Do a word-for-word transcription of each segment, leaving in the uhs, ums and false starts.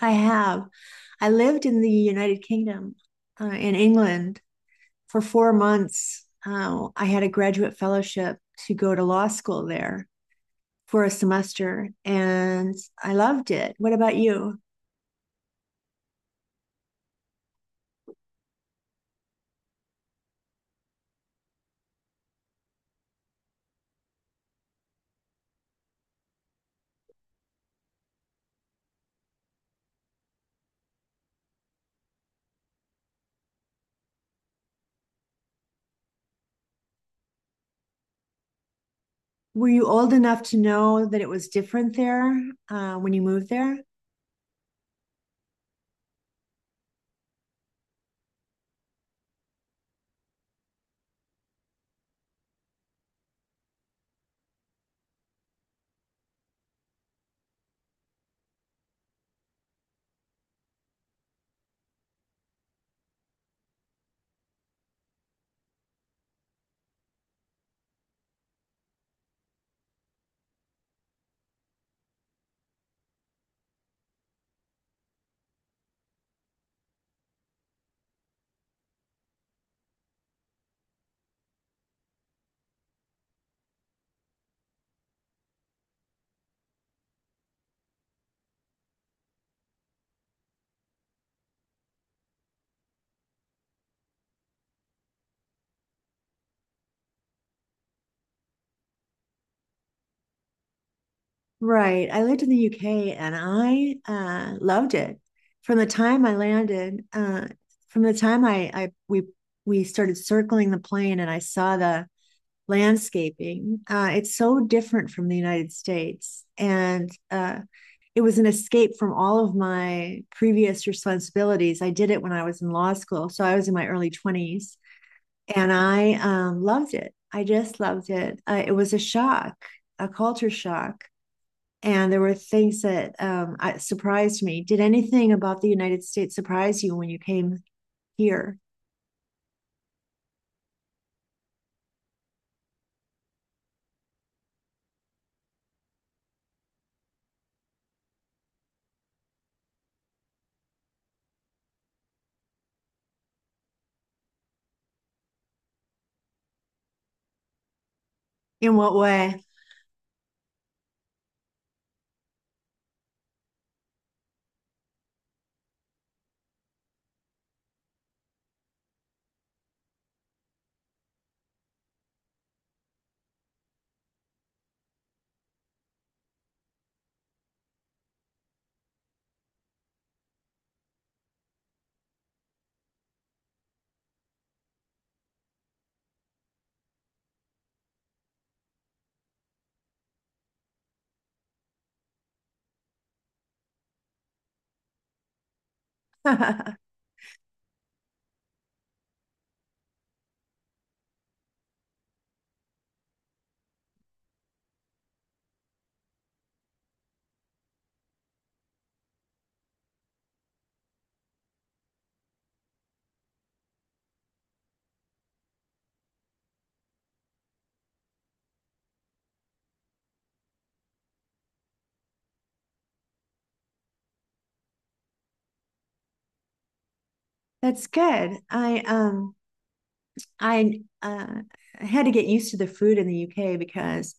I have. I lived in the United Kingdom, uh, in England for four months. Uh, I had a graduate fellowship to go to law school there for a semester, and I loved it. What about you? Were you old enough to know that it was different there, uh, when you moved there? Right. I lived in the U K and I uh, loved it. From the time I landed, uh, from the time I, I we we started circling the plane and I saw the landscaping, uh, it's so different from the United States. And uh, it was an escape from all of my previous responsibilities. I did it when I was in law school, so I was in my early twenties and I um, loved it. I just loved it. Uh, it was a shock, a culture shock, and there were things that um, surprised me. Did anything about the United States surprise you when you came here? In what way? That's good. I um I uh, had to get used to the food in the U K because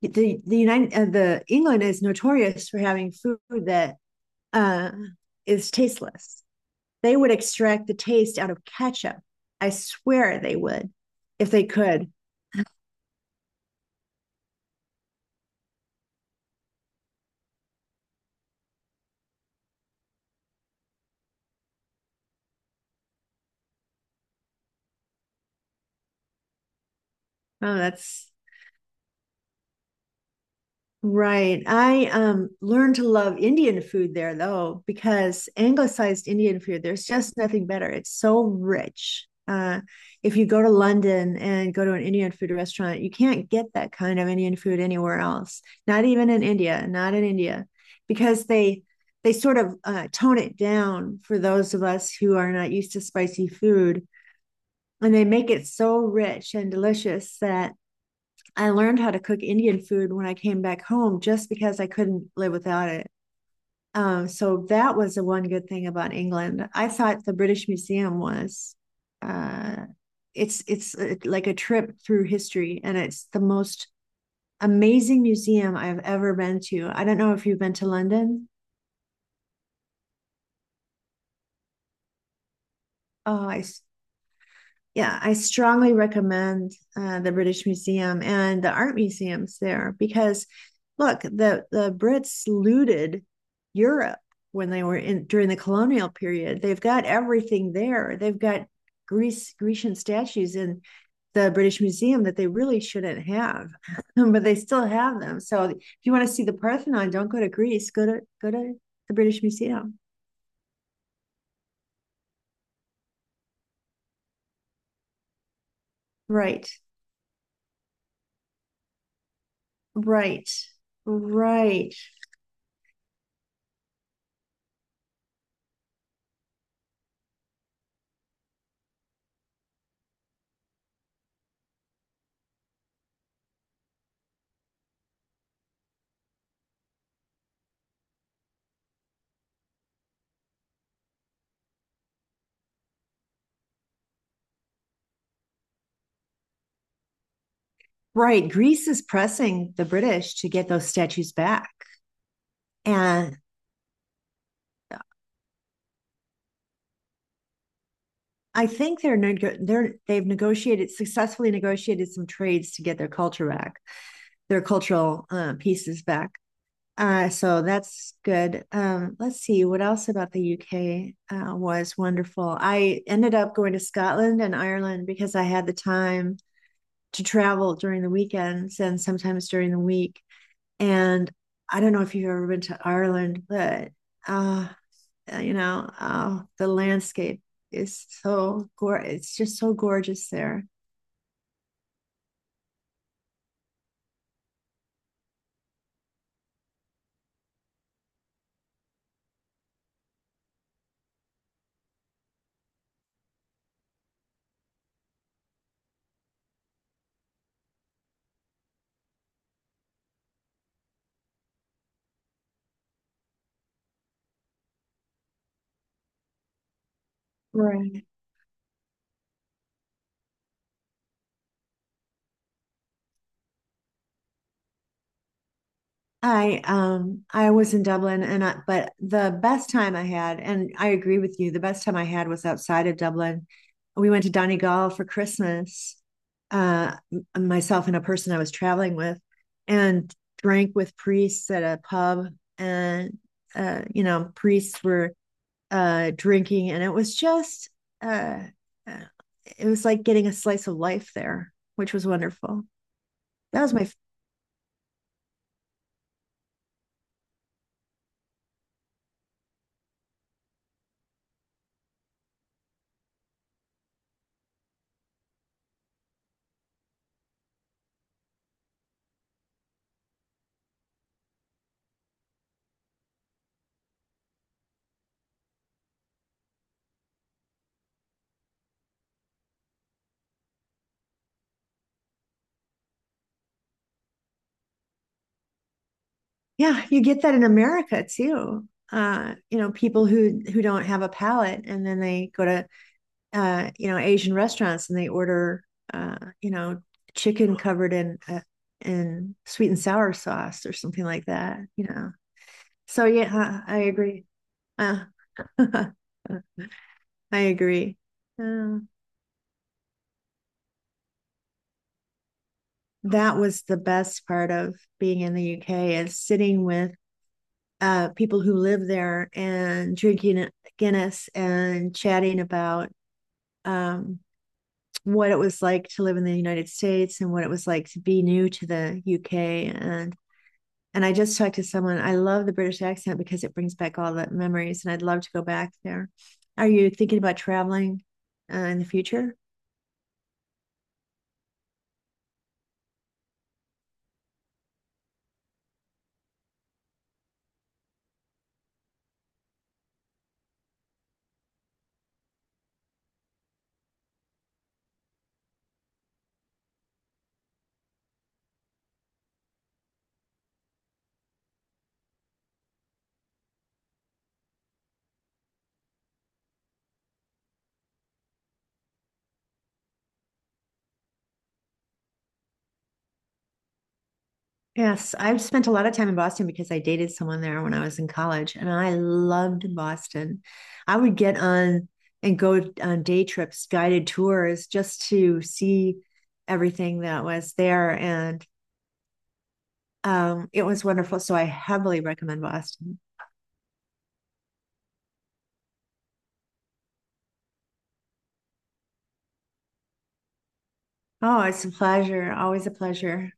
the the United uh, the England is notorious for having food that uh, is tasteless. They would extract the taste out of ketchup. I swear they would if they could. Oh, that's right. I um learned to love Indian food there though, because anglicized Indian food, there's just nothing better. It's so rich. Uh, if you go to London and go to an Indian food restaurant, you can't get that kind of Indian food anywhere else. Not even in India, not in India, because they they sort of uh, tone it down for those of us who are not used to spicy food, and they make it so rich and delicious that I learned how to cook Indian food when I came back home just because I couldn't live without it. Um, so that was the one good thing about England. I thought the British Museum was uh, it's it's uh, like a trip through history, and it's the most amazing museum I've ever been to. I don't know if you've been to London. Oh, I Yeah, I strongly recommend uh, the British Museum and the art museums there because, look, the the Brits looted Europe when they were in during the colonial period. They've got everything there. They've got Greece Grecian statues in the British Museum that they really shouldn't have, but they still have them. So if you want to see the Parthenon, don't go to Greece. Go to go to the British Museum. Right, right, right. Right. Greece is pressing the British to get those statues back. And I think they're, they're they've negotiated successfully negotiated some trades to get their culture back, their cultural uh, pieces back. Uh, so that's good. Um, let's see what else about the U K uh, was wonderful. I ended up going to Scotland and Ireland because I had the time to travel during the weekends and sometimes during the week. And I don't know if you've ever been to Ireland, but uh, uh, you know, uh, the landscape is so gor it's just so gorgeous there. Right. I um I was in Dublin and I, but the best time I had, and I agree with you, the best time I had was outside of Dublin. We went to Donegal for Christmas. Uh Myself and a person I was traveling with, and drank with priests at a pub, and uh you know, priests were uh drinking, and it was just uh uh, it was like getting a slice of life there, which was wonderful. That was my Yeah, you get that in America too. Uh you know, people who who don't have a palate, and then they go to uh you know, Asian restaurants, and they order uh you know, chicken covered in uh, in sweet and sour sauce or something like that, you know. So yeah, I agree. uh, I agree uh, that was the best part of being in the U K, is sitting with uh, people who live there and drinking Guinness and chatting about um, what it was like to live in the United States and what it was like to be new to the U K, and and I just talked to someone. I love the British accent because it brings back all the memories, and I'd love to go back there. Are you thinking about traveling uh, in the future? Yes, I've spent a lot of time in Boston because I dated someone there when I was in college, and I loved Boston. I would get on and go on day trips, guided tours, just to see everything that was there. And um, it was wonderful. So I heavily recommend Boston. Oh, it's a pleasure. Always a pleasure.